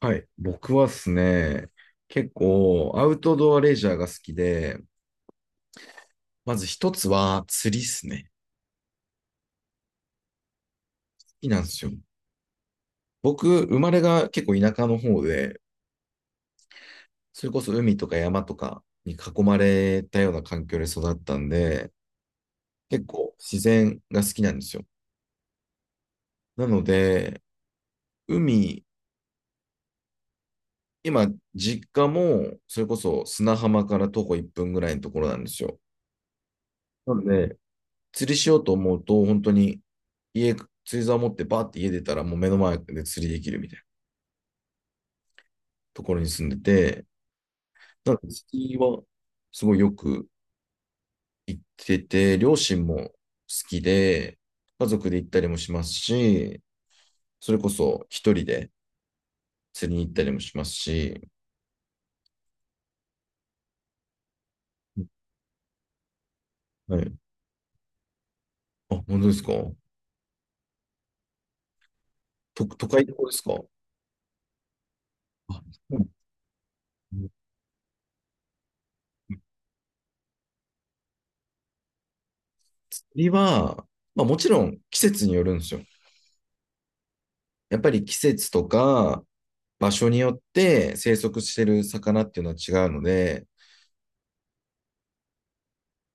はい。僕はですね、結構アウトドアレジャーが好きで、まず一つは釣りっすね。好きなんですよ。僕、生まれが結構田舎の方で、それこそ海とか山とかに囲まれたような環境で育ったんで、結構自然が好きなんですよ。なので、海、今、実家も、それこそ砂浜から徒歩1分ぐらいのところなんですよ。なので、釣りしようと思うと、本当に家、釣り竿持ってバーって家出たらもう目の前で釣りできるみたいなところに住んでて、なので釣りはすごいよく行ってて、両親も好きで、家族で行ったりもしますし、それこそ一人で釣りに行ったりもしますし、はい。あ、本当ですか？と、都会の方ですか？あ、うん。釣りは、まあもちろん季節によるんですよ。やっぱり季節とか、場所によって生息してる魚っていうのは違うので、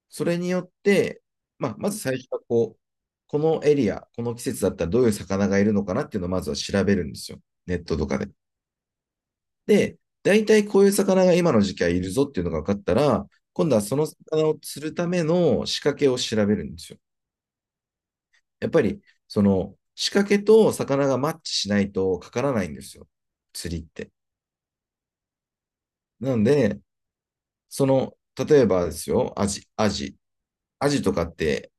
それによって、まあ、まず最初はこう、このエリア、この季節だったらどういう魚がいるのかなっていうのをまずは調べるんですよ。ネットとかで。で、大体こういう魚が今の時期はいるぞっていうのが分かったら、今度はその魚を釣るための仕掛けを調べるんですよ。やっぱり、その仕掛けと魚がマッチしないとかからないんですよ。釣りって。なので、例えばですよ、アジとかって、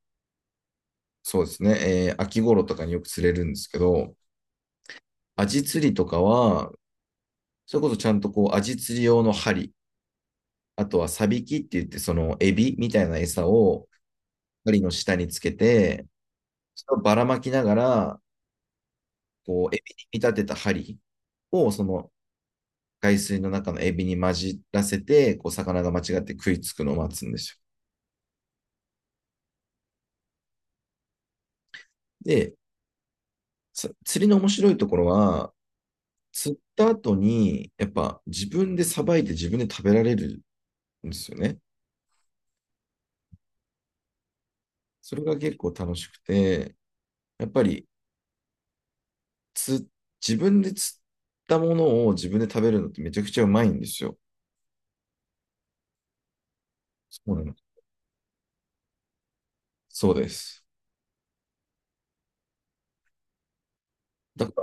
そうですね、秋頃とかによく釣れるんですけど、アジ釣りとかは、それこそちゃんとこう、アジ釣り用の針、あとはサビキって言って、そのエビみたいな餌を針の下につけて、それをばらまきながら、こう、エビに見立てた針を、その海水の中のエビに混じらせて、こう、魚が間違って食いつくのを待つんですよ。で、釣りの面白いところは、釣った後に、やっぱ自分でさばいて自分で食べられるんですよね。それが結構楽しくて、やっぱりつ自分で釣ったものを自分で食べるのってめちゃくちゃうまいんですよ。そうなの。そうです。だか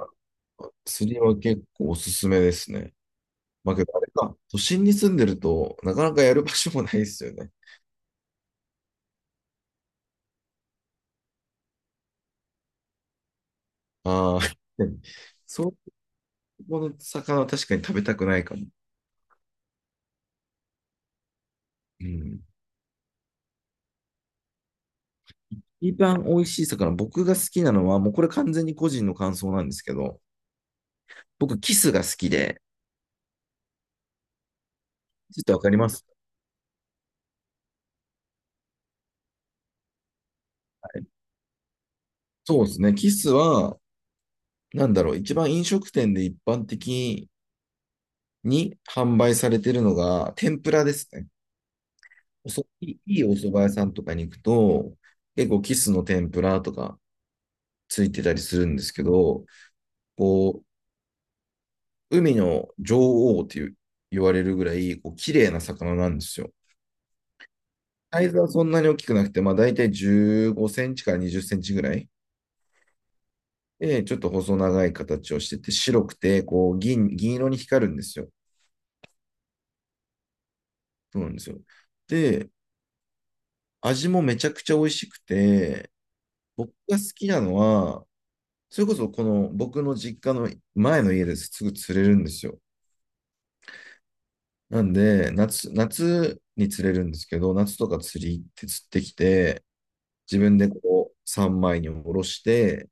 ら、釣りは結構おすすめですね。まあけど、あれか、都心に住んでると、なかなかやる場所もないですよね。ああ、そういうこの魚は確かに食べたくないかも。うん。一番美味しい魚、僕が好きなのは、もうこれ完全に個人の感想なんですけど、僕、キスが好きで、ちょっとわかります？そうですね。キスは、なんだろう、一番飲食店で一般的に販売されてるのが、天ぷらですね。おそいいいお蕎麦屋さんとかに行くと、結構キスの天ぷらとかついてたりするんですけど、こう、海の女王っていう言われるぐらい、こう、綺麗な魚なんですよ。サイズはそんなに大きくなくて、まあ大体15センチから20センチぐらい。で、ちょっと細長い形をしてて、白くて、こう、銀色に光るんですよ。そうなんですよ。で、味もめちゃくちゃ美味しくて、僕が好きなのは、それこそこの僕の実家の前の家ですぐ釣れるんですよ。なんで、夏に釣れるんですけど、夏とか釣り行って釣ってきて、自分でこう三枚におろして、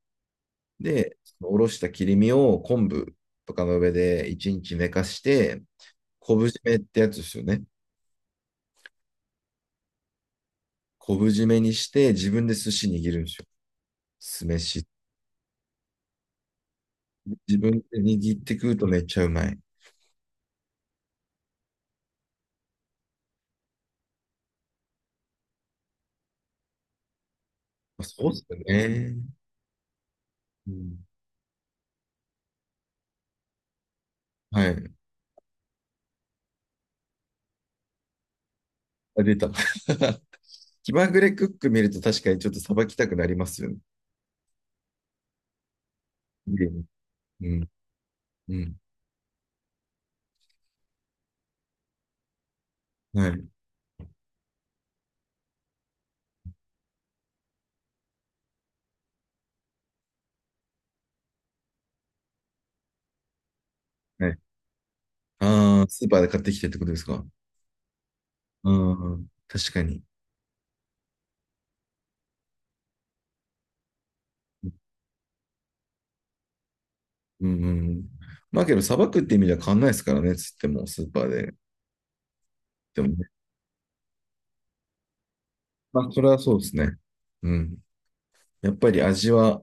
で、そのおろした切り身を昆布とかの上で一日寝かして、昆布締めってやつですよね。昆布締めにして自分で寿司握るんですよ。酢飯。自分で握って食うとめっちゃうまい。まあそうっすよね。うん。はい。あ、出た。気まぐれクック見ると確かにちょっとさばきたくなりますよね。うん。うん。うん、はい。はい。ああ、スーパーで買ってきてってことですか？うん。確かに。うんうんうん。まあけど、さばくって意味では変わんないですからね、つっても、スーパーで。でもね。まあ、それはそうですね。うん。やっぱり味は、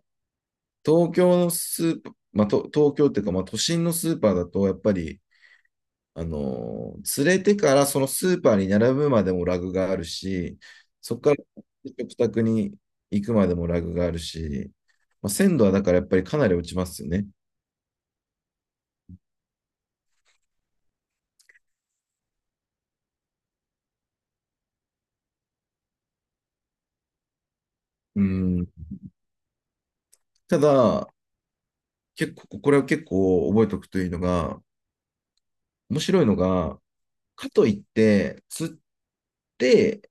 東京のスーパー、まあ、と東京っていうか、まあ、都心のスーパーだと、やっぱり、連れてからそのスーパーに並ぶまでもラグがあるし、そこから食卓に行くまでもラグがあるし、まあ、鮮度はだからやっぱりかなり落ちますよね。うん。ただ、結構、これは結構覚えておくといいのが、面白いのが、かといって、釣って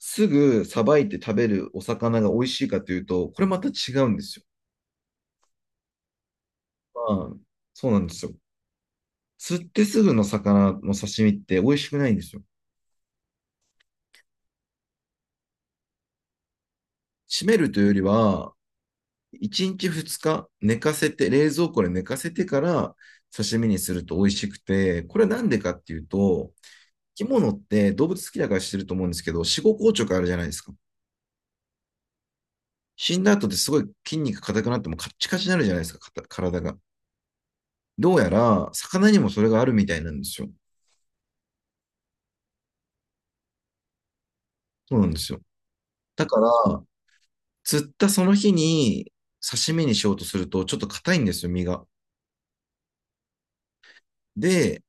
すぐさばいて食べるお魚が美味しいかというと、これまた違うんですよ。まあ、そうなんですよ。釣ってすぐの魚の刺身って美味しくないんですよ。閉めるというよりは、1日2日寝かせて、冷蔵庫で寝かせてから刺身にすると美味しくて、これなんでかっていうと、生き物って動物好きだからしてると思うんですけど、死後硬直あるじゃないですか。死んだ後ってすごい筋肉硬くなってもカッチカチになるじゃないですか、体が。どうやら、魚にもそれがあるみたいなんですよ。そうなんですよ。だから、釣ったその日に刺身にしようとすると、ちょっと硬いんですよ、身が。で、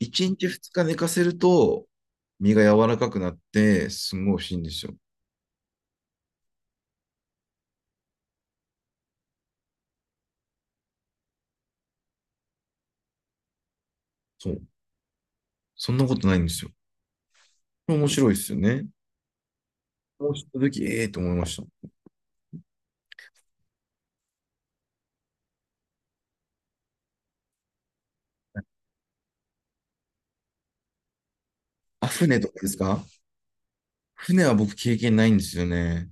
1日2日寝かせると、身が柔らかくなって、すごい美味しいんですよ。そう。そんなことないんですよ。面白いですよね。こうした時、ええと思いました。あ、船とかですか？船は僕経験ないんですよね。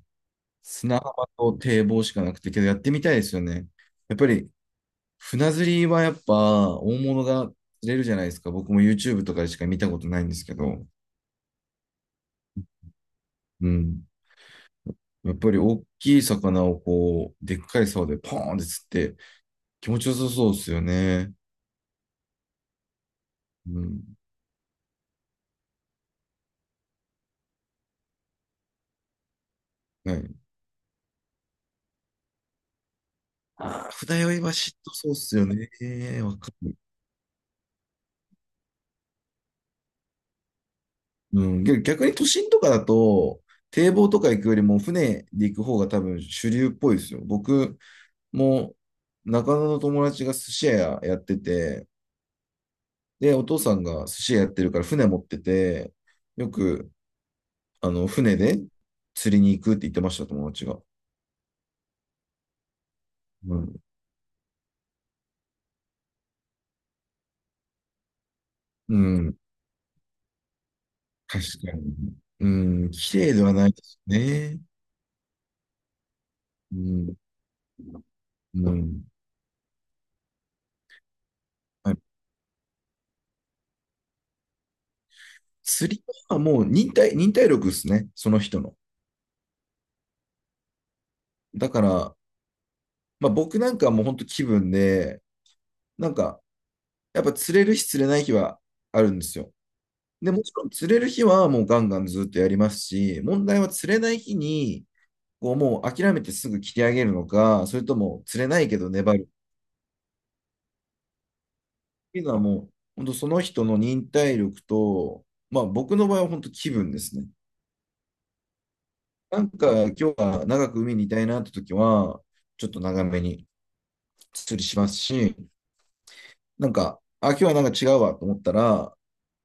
砂浜と堤防しかなくて、けどやってみたいですよね。やっぱり船釣りはやっぱ大物が釣れるじゃないですか。僕も YouTube とかでしか見たことないんですけど。うん。やっぱり大きい魚をこう、でっかい竿でポーンって釣って、気持ちよさそうっすよね。うん。はい。ああ、船酔いは嫉妬そうっすよね。わかる。うん。逆に都心とかだと、堤防とか行くよりも船で行く方が多分主流っぽいですよ。僕も中野の友達が寿司屋やってて、で、お父さんが寿司屋やってるから船持ってて、よく、船で釣りに行くって言ってました、友達が。うん。うん。確かに。うん。綺麗ではないですね。うん。うん。はい。釣りはもう忍耐力ですね、その人の。だから、まあ、僕なんかはもう本当気分で、なんか、やっぱ釣れる日釣れない日はあるんですよ。で、もちろん釣れる日はもうガンガンずっとやりますし、問題は釣れない日に、こうもう諦めてすぐ切り上げるのか、それとも釣れないけど粘るっていうのはもう、本当その人の忍耐力と、まあ僕の場合は本当気分ですね。なんか今日は長く海にいたいなって時は、ちょっと長めに釣りしますし、なんか、あ、今日はなんか違うわと思ったら、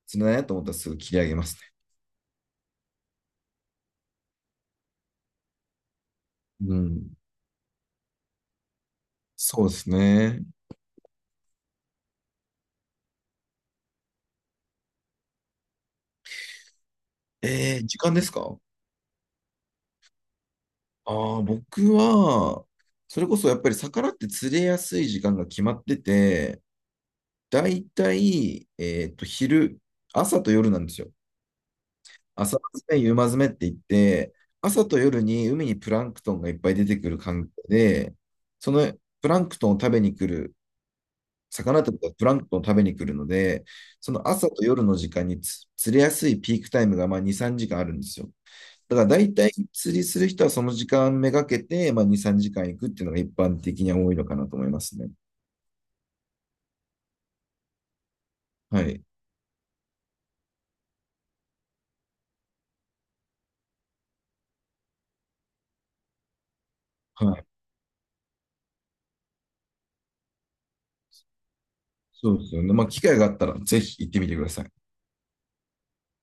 釣れないなと思ったらすぐ切り上げますね。うん。そうですね。時間ですか？ああ、僕は、それこそやっぱり魚って釣れやすい時間が決まってて、だいたい、朝と夜なんですよ。朝詰め、夕間詰めって言って、朝と夜に海にプランクトンがいっぱい出てくる環境で、そのプランクトンを食べに来る魚とかプランクトンを食べに来るので、その朝と夜の時間に釣れやすいピークタイムがまあ2、3時間あるんですよ。だから大体釣りする人はその時間めがけて、まあ、2、3時間行くっていうのが一般的には多いのかなと思いますね。はい。はい。そうですよね。まあ、機会があったらぜひ行ってみてください。